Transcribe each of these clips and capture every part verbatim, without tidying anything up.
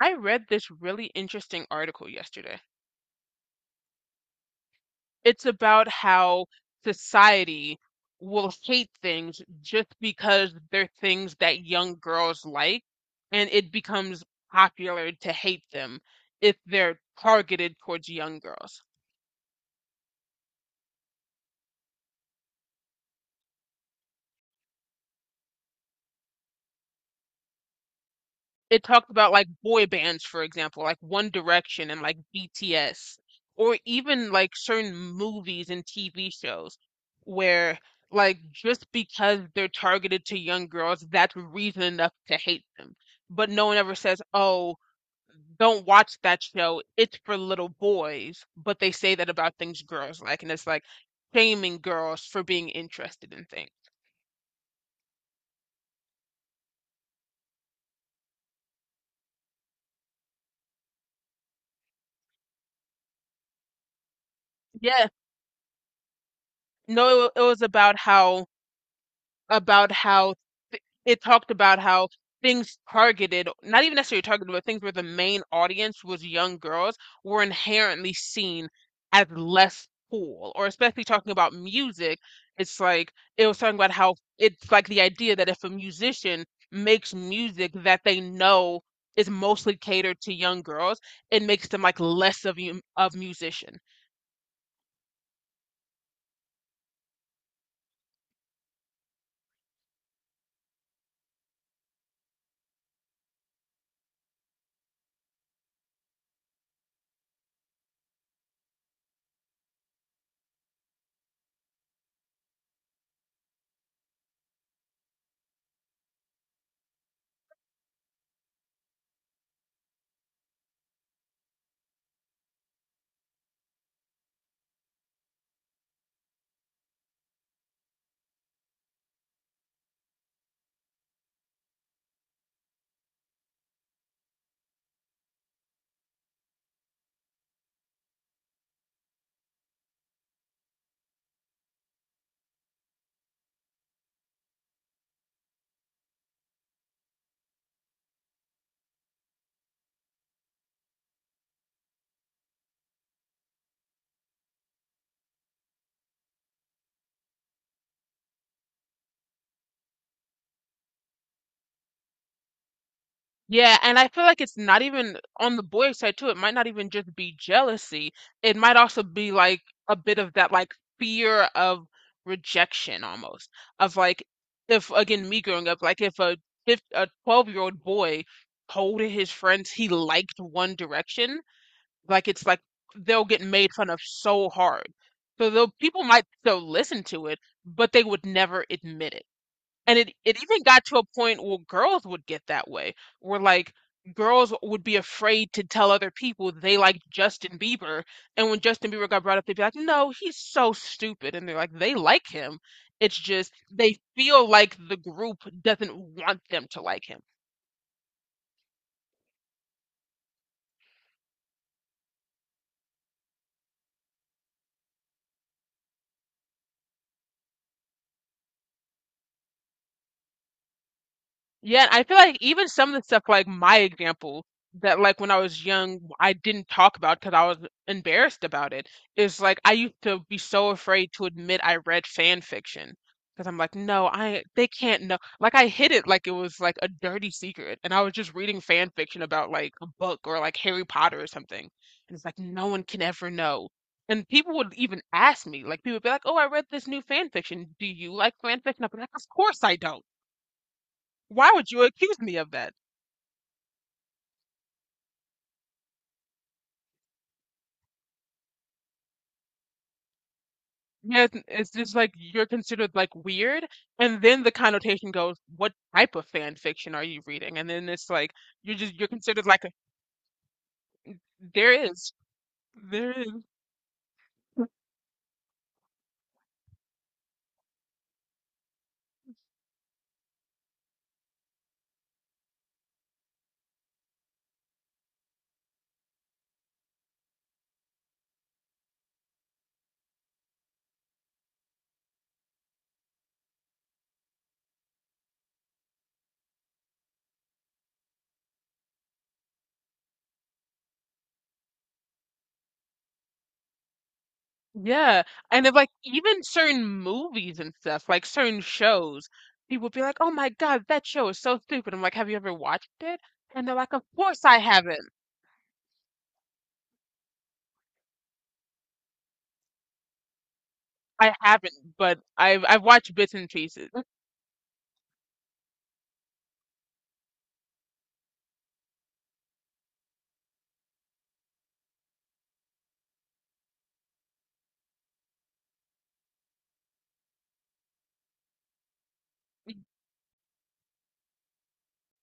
I read this really interesting article yesterday. It's about how society will hate things just because they're things that young girls like, and it becomes popular to hate them if they're targeted towards young girls. It talked about like boy bands, for example, like One Direction and like B T S, or even like certain movies and T V shows where like just because they're targeted to young girls, that's reason enough to hate them. But no one ever says, "Oh, don't watch that show. It's for little boys." But they say that about things girls like, and it's like shaming girls for being interested in things. Yeah, no, it was about how about how th it talked about how things targeted, not even necessarily targeted, but things where the main audience was young girls were inherently seen as less cool. Or especially talking about music, it's like it was talking about how it's like the idea that if a musician makes music that they know is mostly catered to young girls, it makes them like less of you of musician. Yeah, and I feel like it's not even on the boy side too. It might not even just be jealousy. It might also be like a bit of that like fear of rejection almost. Of like if again me growing up, like if a fif a twelve-year-old boy told his friends he liked One Direction, like it's like they'll get made fun of so hard. So though people might still listen to it, but they would never admit it. And it it even got to a point where girls would get that way, where like girls would be afraid to tell other people they like Justin Bieber, and when Justin Bieber got brought up, they'd be like, "No, he's so stupid," and they're like, "They like him." It's just they feel like the group doesn't want them to like him. Yeah, I feel like even some of the stuff like my example that like when I was young I didn't talk about because I was embarrassed about it is like I used to be so afraid to admit I read fan fiction because I'm like no I they can't know like I hid it like it was like a dirty secret and I was just reading fan fiction about like a book or like Harry Potter or something, and it's like no one can ever know, and people would even ask me, like people would be like, oh I read this new fan fiction, do you like fan fiction, I'd be like of course I don't, why would you accuse me of that? Yes, it's it's just like you're considered like weird, and then the connotation goes, what type of fan fiction are you reading? And then it's like you're just you're considered like a, there is there is Yeah, and then like even certain movies and stuff, like certain shows, people be like, oh my God, that show is so stupid. I'm like, have you ever watched it? And they're like, of course I haven't. I haven't, but I've I've watched bits and pieces.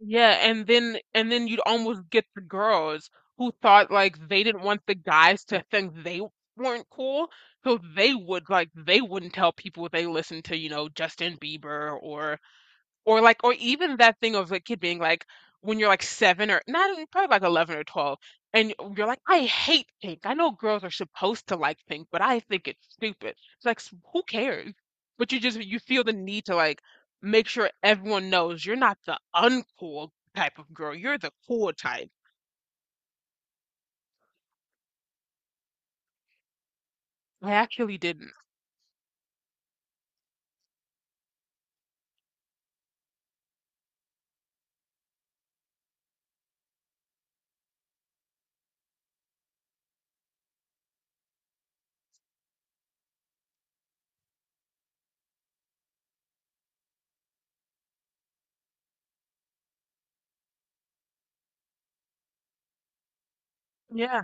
Yeah, and then and then you'd almost get the girls who thought like they didn't want the guys to think they weren't cool, so they would like they wouldn't tell people they listened to, you know, Justin Bieber or or like or even that thing of like kid being like when you're like seven or not even- probably like eleven or twelve, and you're like I hate pink, I know girls are supposed to like pink but I think it's stupid, it's like s- who cares, but you just you feel the need to like make sure everyone knows you're not the uncool type of girl, you're the cool type. I actually didn't. Yeah.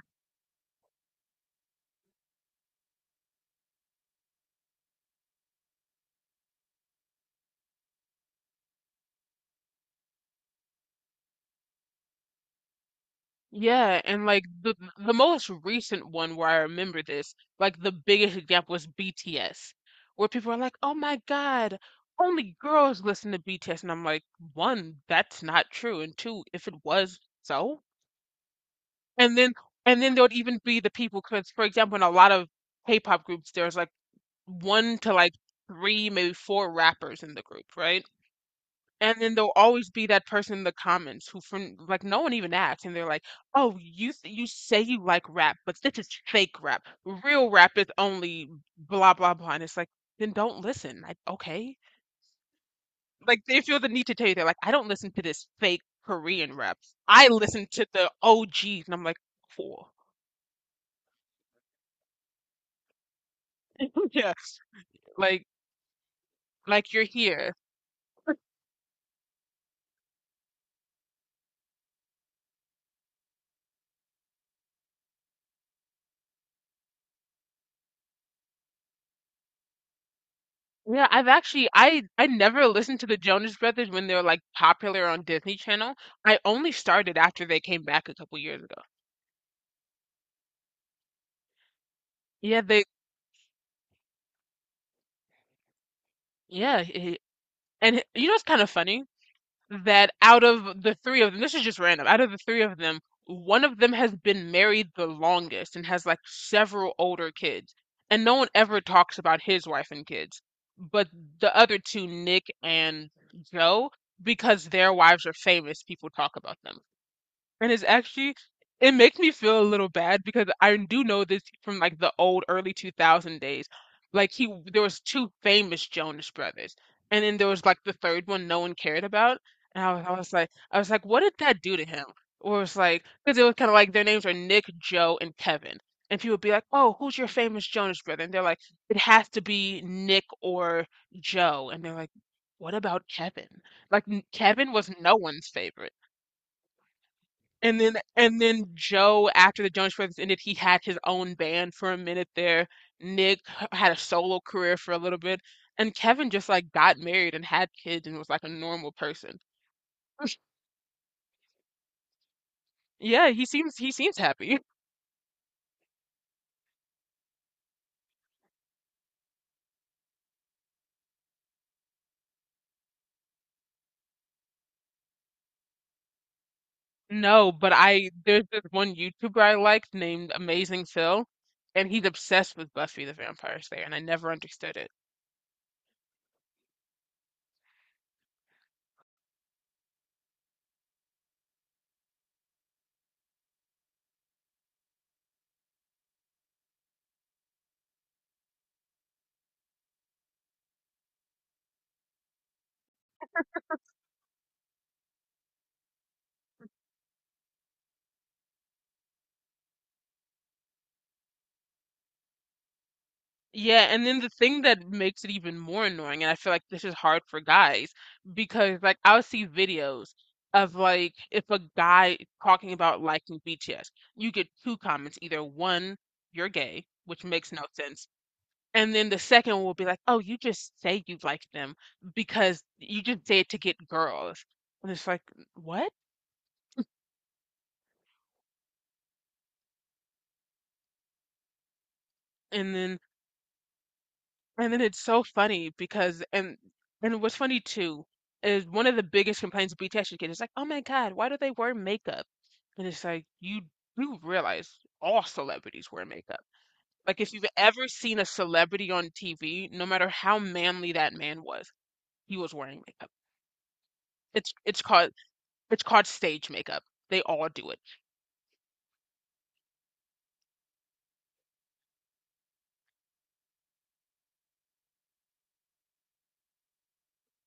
Yeah, and like the the most recent one where I remember this, like the biggest example was B T S, where people are like, "Oh my God, only girls listen to B T S," and I'm like, one, that's not true, and two, if it was so, and then and then there would even be the people, because for example, in a lot of K-pop groups, there's like one to like three, maybe four rappers in the group, right? And then there'll always be that person in the comments who from like no one even asks, and they're like, "Oh, you s- you say you like rap, but this is fake rap. Real rap is only blah blah blah." And it's like, "Then don't listen." Like, okay. Like they feel the need to tell you, they're like, "I don't listen to this fake Korean rap. I listen to the O Gs." And I'm like, "Cool." Yeah. Like like you're here. Yeah, I've actually I I never listened to the Jonas Brothers when they were like popular on Disney Channel. I only started after they came back a couple years ago. Yeah, they yeah, he- and he- you know it's kind of funny that out of the three of them, this is just random. Out of the three of them, one of them has been married the longest and has like several older kids, and no one ever talks about his wife and kids. But the other two, Nick and Joe, because their wives are famous, people talk about them. And it's actually it makes me feel a little bad because I do know this from like the old early two thousand days. Like he there was two famous Jonas Brothers. And then there was like the third one no one cared about. And I was, I was like I was like what did that do to him? Or it's like because it was kind of like their names are Nick, Joe, and Kevin. And people would be like, "Oh, who's your famous Jonas brother?" And they're like, "It has to be Nick or Joe." And they're like, "What about Kevin?" Like n- Kevin was no one's favorite. And then and then Joe, after the Jonas Brothers ended, he had his own band for a minute there. Nick had a solo career for a little bit, and Kevin just like got married and had kids and was like a normal person. Yeah, he seems he seems happy. No, but I there's this one YouTuber I liked named Amazing Phil, and he's obsessed with Buffy the Vampire Slayer, and I never understood it. Yeah, and then the thing that makes it even more annoying, and I feel like this is hard for guys, because like I'll see videos of like if a guy talking about liking B T S, you get two comments, either one, you're gay, which makes no sense, and then the second will be like, oh, you just say you like them because you just say it to get girls. And it's like, what? And then and then it's so funny because and and what's funny too is one of the biggest complaints B T S should get is like, oh my God, why do they wear makeup? And it's like you do realize all celebrities wear makeup. Like if you've ever seen a celebrity on T V, no matter how manly that man was, he was wearing makeup. It's it's called it's called stage makeup. They all do it.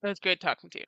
It was great talking to you.